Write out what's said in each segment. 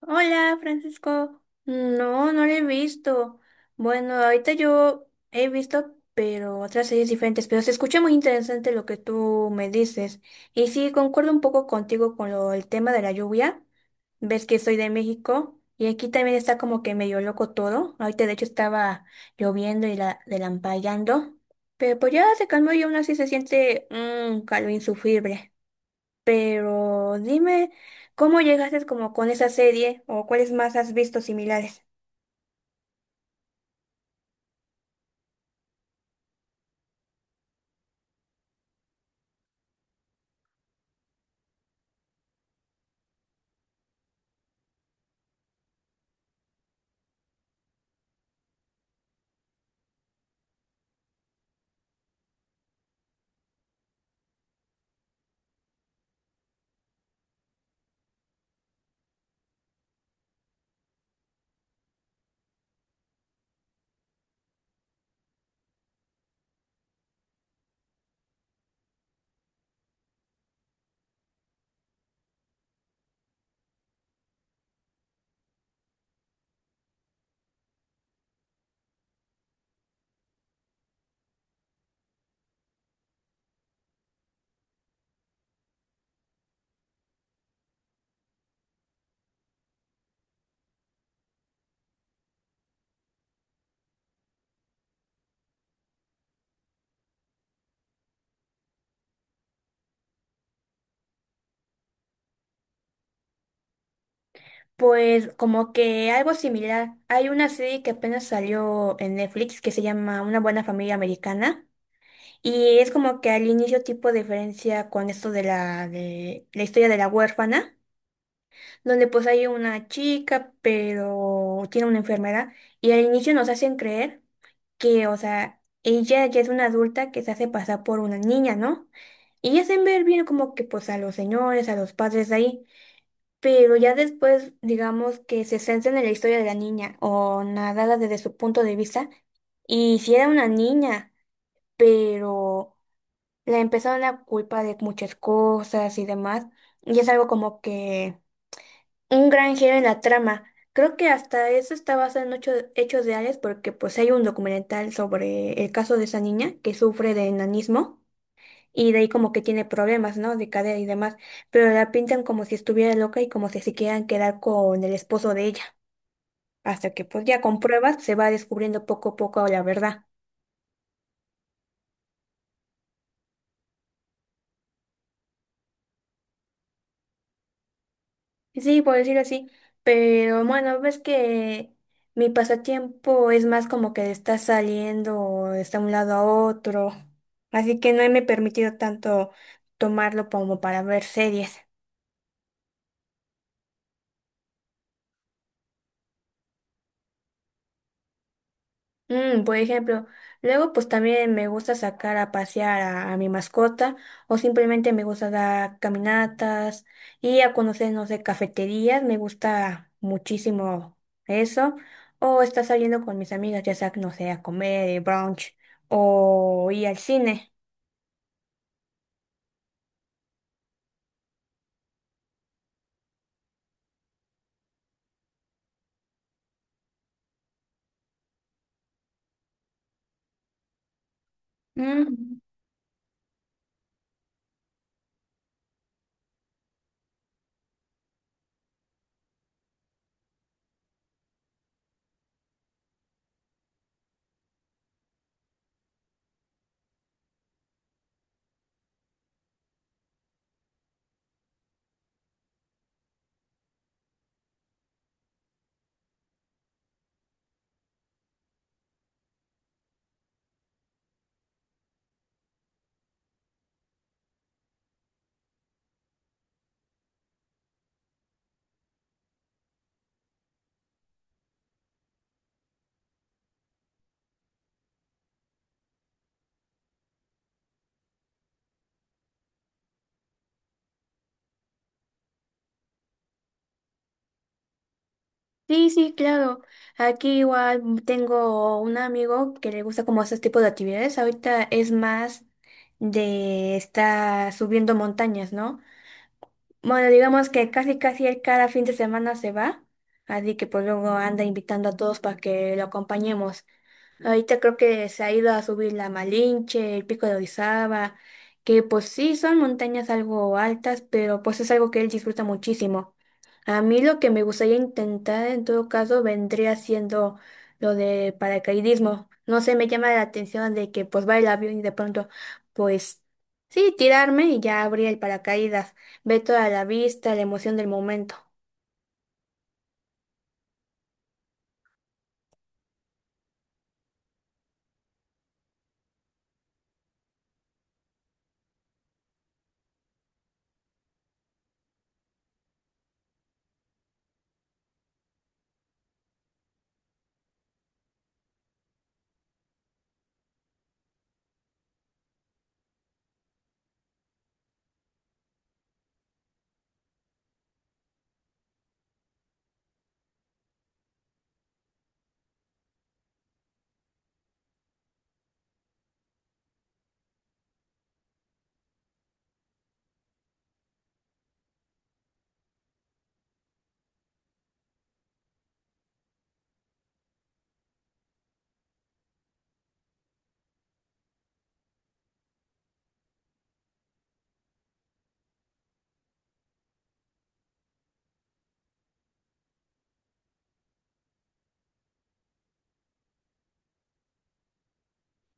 Hola, Francisco. No, no la he visto. Bueno, ahorita yo he visto, pero otras series diferentes, pero se escucha muy interesante lo que tú me dices. Y sí, concuerdo un poco contigo con lo, el tema de la lluvia. Ves que soy de México y aquí también está como que medio loco todo. Ahorita de hecho estaba lloviendo y la delampallando, pero pues ya se calmó y aún así se siente un calor insufrible. Pero dime, ¿cómo llegaste como con esa serie o cuáles más has visto similares? Pues como que algo similar. Hay una serie que apenas salió en Netflix que se llama Una buena familia americana y es como que al inicio tipo diferencia con esto de la historia de la huérfana, donde pues hay una chica pero tiene una enfermedad y al inicio nos hacen creer que, o sea, ella ya es una adulta que se hace pasar por una niña, ¿no? Y hacen ver bien como que pues a los señores, a los padres ahí, pero ya después digamos que se centran en la historia de la niña o nada desde su punto de vista. Y si era una niña, pero la empezaron a culpar de muchas cosas y demás, y es algo como que un gran giro en la trama. Creo que hasta eso está basado en hechos reales porque pues hay un documental sobre el caso de esa niña que sufre de enanismo y de ahí como que tiene problemas, ¿no? De cadera y demás, pero la pintan como si estuviera loca y como si se quieran quedar con el esposo de ella, hasta que pues ya con pruebas se va descubriendo poco a poco la verdad. Sí, por decirlo así, pero bueno, ves que mi pasatiempo es más como que está saliendo o de un lado a otro, así que no me he permitido tanto tomarlo como para ver series. Mm, por ejemplo, luego pues también me gusta sacar a pasear a mi mascota o simplemente me gusta dar caminatas y a conocer, no sé, cafeterías, me gusta muchísimo eso o estar saliendo con mis amigas, ya sea, no sé, a comer, brunch o ir al cine. Mm. Sí, sí, claro. Aquí igual tengo un amigo que le gusta como esos tipos de actividades. Ahorita es más de estar subiendo montañas, ¿no? Bueno, digamos que casi casi él cada fin de semana se va, así que pues luego anda invitando a todos para que lo acompañemos. Ahorita creo que se ha ido a subir la Malinche, el Pico de Orizaba, que pues sí son montañas algo altas, pero pues es algo que él disfruta muchísimo. A mí lo que me gustaría intentar en todo caso vendría siendo lo de paracaidismo. No sé, me llama la atención de que pues va el avión y de pronto pues sí, tirarme y ya abrir el paracaídas, ver toda la vista, la emoción del momento.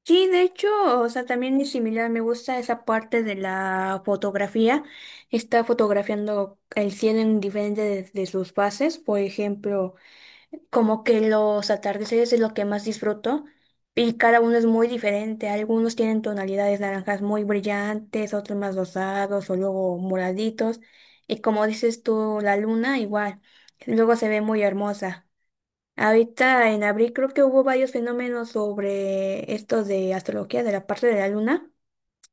Sí, de hecho, o sea, también es similar, me gusta esa parte de la fotografía. Está fotografiando el cielo en diferentes de sus fases, por ejemplo, como que los atardeceres es lo que más disfruto y cada uno es muy diferente. Algunos tienen tonalidades naranjas muy brillantes, otros más rosados o luego moraditos. Y como dices tú, la luna igual, luego se ve muy hermosa. Ahorita en abril creo que hubo varios fenómenos sobre esto de astrología de la parte de la luna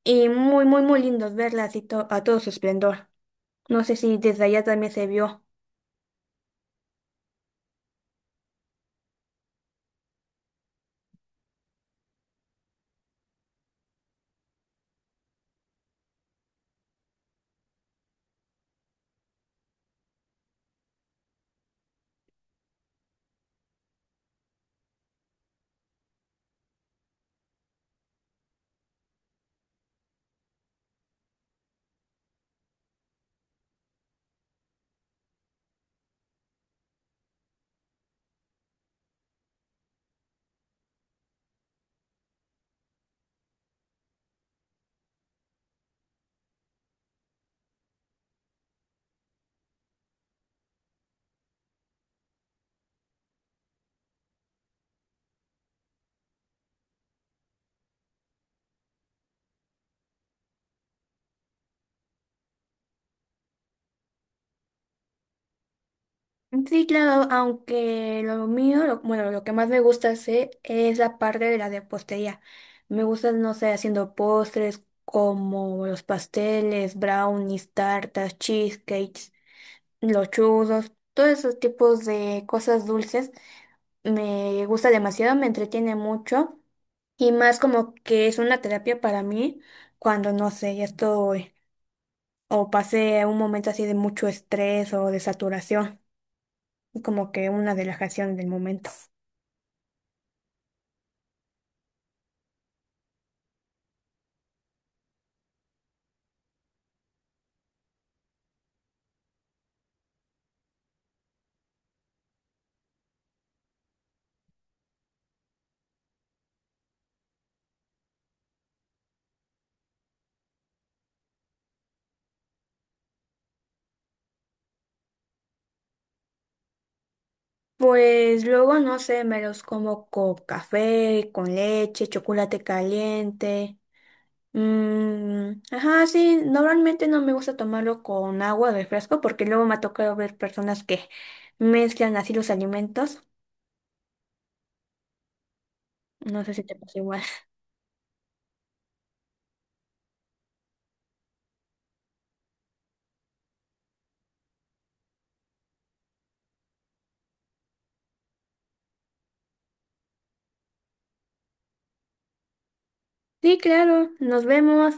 y muy, muy, muy lindos verla así a todo su esplendor. No sé si desde allá también se vio. Sí, claro, aunque bueno, lo que más me gusta hacer es la parte de la repostería. Me gusta, no sé, haciendo postres como los pasteles, brownies, tartas, cheesecakes, los churros, todos esos tipos de cosas dulces. Me gusta demasiado, me entretiene mucho y más como que es una terapia para mí cuando no sé, ya estoy o pasé un momento así de mucho estrés o de saturación, como que una relajación del momento. Pues luego no sé, me los como con café, con leche, chocolate caliente. Mm, ajá, sí, normalmente no me gusta tomarlo con agua de refresco porque luego me ha tocado ver personas que mezclan así los alimentos. No sé si te pasa igual. Sí, claro, nos vemos.